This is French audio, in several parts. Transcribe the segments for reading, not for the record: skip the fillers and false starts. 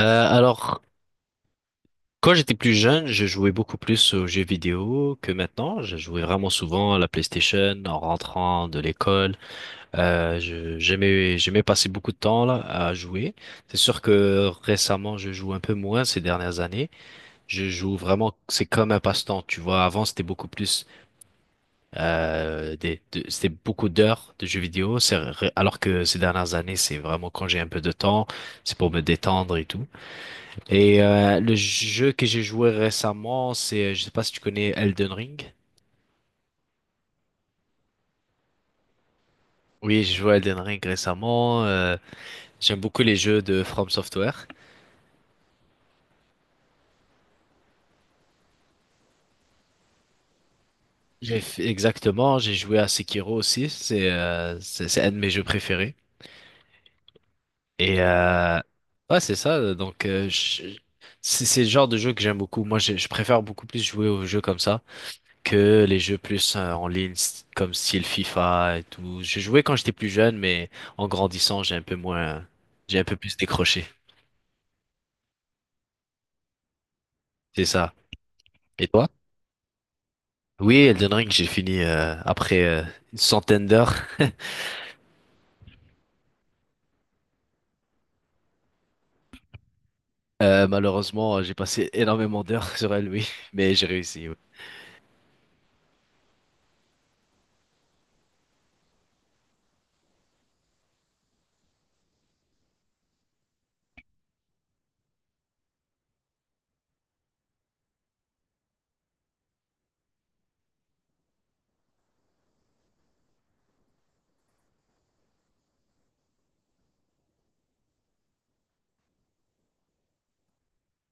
Alors, quand j'étais plus jeune, je jouais beaucoup plus aux jeux vidéo que maintenant. Je jouais vraiment souvent à la PlayStation en rentrant de l'école. J'aimais passer beaucoup de temps là à jouer. C'est sûr que récemment, je joue un peu moins ces dernières années. Je joue vraiment, c'est comme un passe-temps, tu vois. Avant, c'était beaucoup plus, c'était beaucoup d'heures de jeux vidéo. Alors que ces dernières années, c'est vraiment quand j'ai un peu de temps, c'est pour me détendre et tout. Le jeu que j'ai joué récemment, c'est, je sais pas si tu connais Elden Ring. Oui, j'ai joué à Elden Ring récemment. J'aime beaucoup les jeux de From Software. Exactement, j'ai joué à Sekiro aussi. C'est un de mes jeux préférés. Et euh, ouais, c'est ça. Donc c'est le genre de jeu que j'aime beaucoup. Moi, je préfère beaucoup plus jouer aux jeux comme ça, que les jeux plus en ligne comme style FIFA et tout. J'ai joué quand j'étais plus jeune, mais en grandissant, j'ai un peu moins, j'ai un peu plus décroché. C'est ça. Et toi? Oui, Elden Ring, j'ai fini après une centaine d'heures. Malheureusement, j'ai passé énormément d'heures sur elle, oui, mais j'ai réussi. Oui.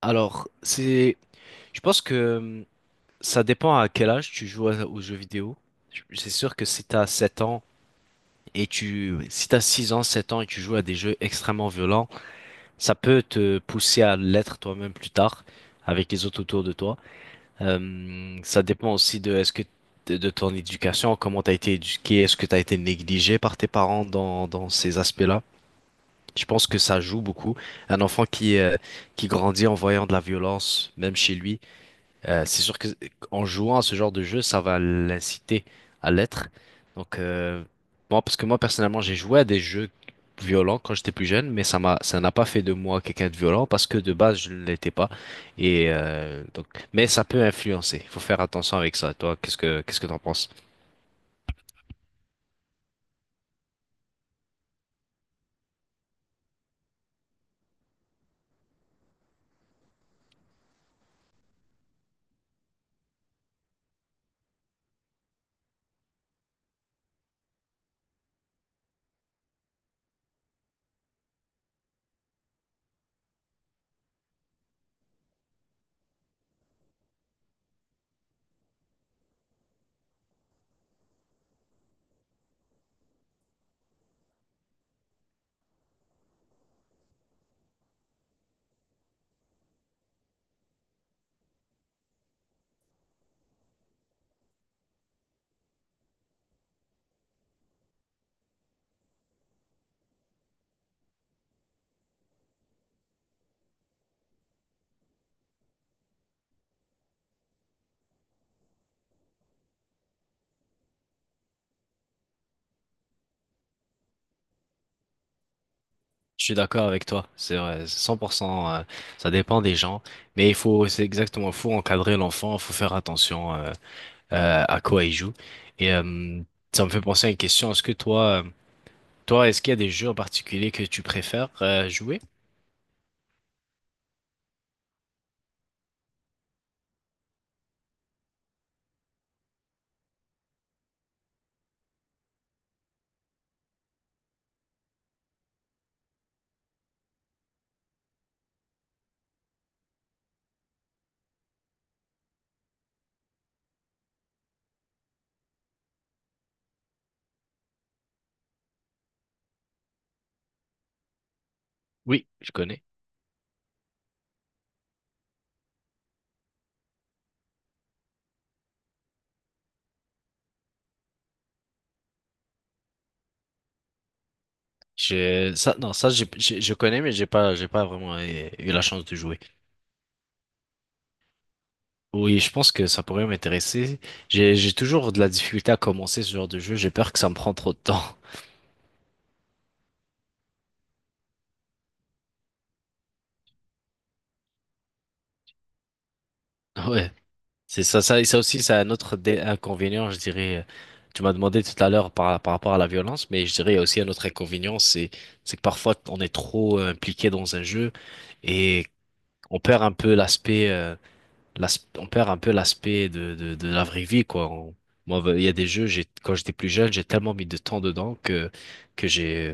Alors, c'est, je pense que ça dépend à quel âge tu joues aux jeux vidéo. C'est sûr que si t'as 7 ans si t'as 6 ans, 7 ans et tu joues à des jeux extrêmement violents. Ça peut te pousser à l'être toi-même plus tard avec les autres autour de toi. Ça dépend aussi de est-ce que de ton éducation, comment tu as été éduqué, est-ce que tu as été négligé par tes parents dans ces aspects-là. Je pense que ça joue beaucoup. Un enfant qui grandit en voyant de la violence, même chez lui, c'est sûr que en jouant à ce genre de jeu, ça va l'inciter à l'être. Donc, moi, parce que moi personnellement, j'ai joué à des jeux violents quand j'étais plus jeune, mais ça n'a pas fait de moi quelqu'un de violent parce que de base, je ne l'étais pas. Donc, mais ça peut influencer. Il faut faire attention avec ça. Toi, qu'est-ce que t'en penses? Je suis d'accord avec toi. C'est vrai, c'est 100%. Ça dépend des gens, mais il faut, c'est exactement, faut encadrer l'enfant, faut faire attention. À quoi ils jouent. Et euh, Ça me fait penser à une question. Est-ce que toi, toi, est-ce qu'il y a des jeux en particulier que tu préfères jouer? Oui, je connais. Non, je connais, mais j'ai pas vraiment eu la chance de jouer. Oui, je pense que ça pourrait m'intéresser. J'ai toujours de la difficulté à commencer ce genre de jeu. J'ai peur que ça me prend trop de temps. Ouais. C'est ça, ça aussi, c'est un autre inconvénient, je dirais. Tu m'as demandé tout à l'heure par rapport à la violence, mais je dirais il y a aussi un autre inconvénient, c'est que parfois on est trop impliqué dans un jeu et on perd un peu l'aspect, on perd un peu l'aspect de la vraie vie, quoi. Moi, il y a des jeux, quand j'étais plus jeune, j'ai tellement mis de temps dedans que j'ai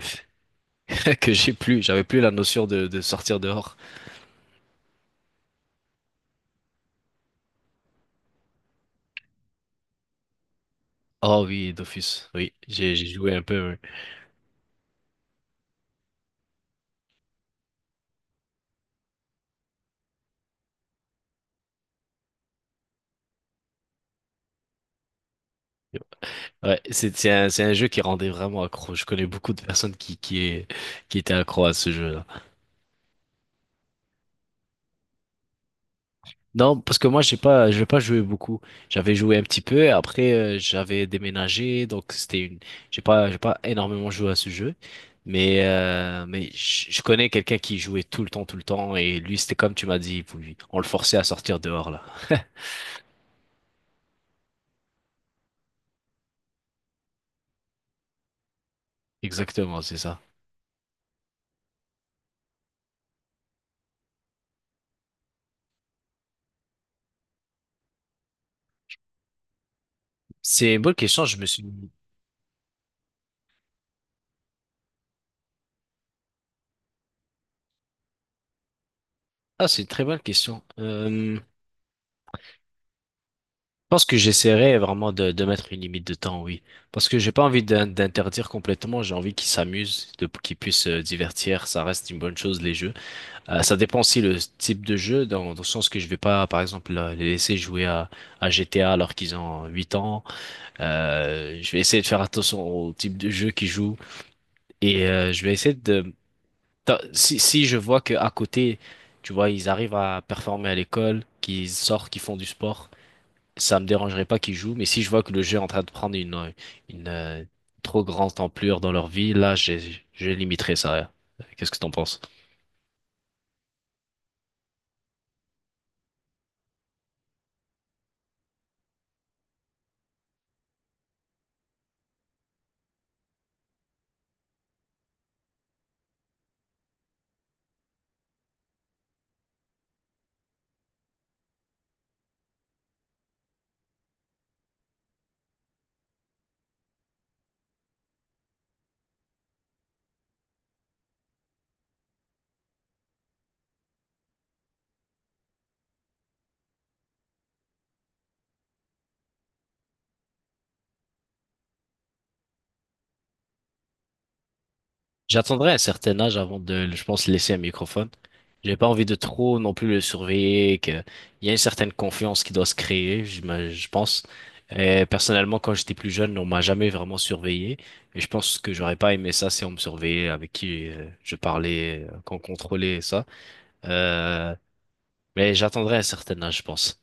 j'avais plus la notion de sortir dehors. Oh oui, Dofus, oui, j'ai joué un peu. Oui. Ouais, c'est un jeu qui rendait vraiment accro. Je connais beaucoup de personnes qui étaient accro à ce jeu-là. Non, parce que moi, j'ai pas joué beaucoup. J'avais joué un petit peu, après, j'avais déménagé, donc c'était une, j'ai pas énormément joué à ce jeu. Mais je connais quelqu'un qui jouait tout le temps, et lui, c'était comme tu m'as dit, il on le forçait à sortir dehors, là. Exactement, c'est ça. C'est une bonne question, je me suis. Ah, c'est une très bonne question. Je pense que j'essaierai vraiment de mettre une limite de temps, oui. Parce que j'ai pas envie d'interdire complètement, j'ai envie qu'ils s'amusent, qu'ils puissent se divertir, ça reste une bonne chose, les jeux. Ça dépend aussi le type de jeu, dans le sens que je vais pas, par exemple, les laisser jouer à GTA alors qu'ils ont 8 ans. Je vais essayer de faire attention au type de jeu qu'ils jouent. Je vais essayer de. Si je vois que à côté, tu vois, ils arrivent à performer à l'école, qu'ils sortent, qu'ils font du sport. Ça me dérangerait pas qu'ils jouent, mais si je vois que le jeu est en train de prendre une trop grande ampleur dans leur vie, là, je limiterai ça, hein. Qu'est-ce que t'en penses? J'attendrai un certain âge avant de, je pense, laisser un microphone. J'ai pas envie de trop non plus le surveiller, que il y a une certaine confiance qui doit se créer, je pense. Et personnellement, quand j'étais plus jeune, on m'a jamais vraiment surveillé. Et je pense que j'aurais pas aimé ça si on me surveillait, avec qui je parlais, qu'on contrôlait ça. Euh, mais j'attendrai un certain âge, je pense.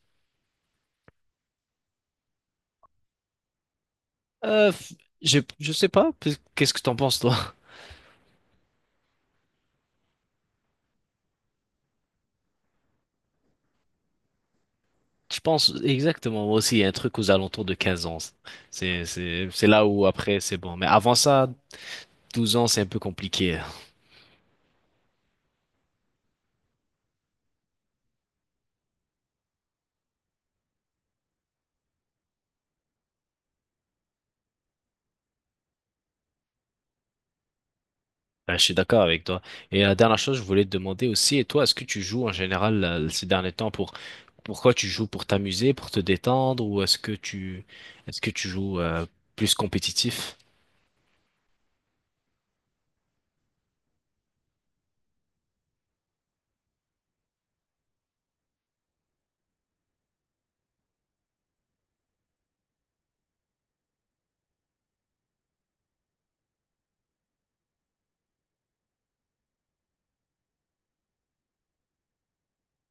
Euh, f- je sais pas, qu'est-ce que t'en penses toi? Je pense exactement, moi aussi, il y a un truc aux alentours de 15 ans. C'est là où après c'est bon. Mais avant ça, 12 ans, c'est un peu compliqué. Ouais, je suis d'accord avec toi. Et la dernière chose, je voulais te demander aussi, et toi, est-ce que tu joues en général ces derniers temps pourquoi tu joues pour t'amuser, pour te détendre, ou est-ce que tu joues plus compétitif?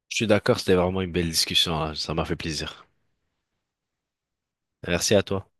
Je suis d'accord, c'était vraiment une belle discussion, hein. Ça m'a fait plaisir. Merci à toi.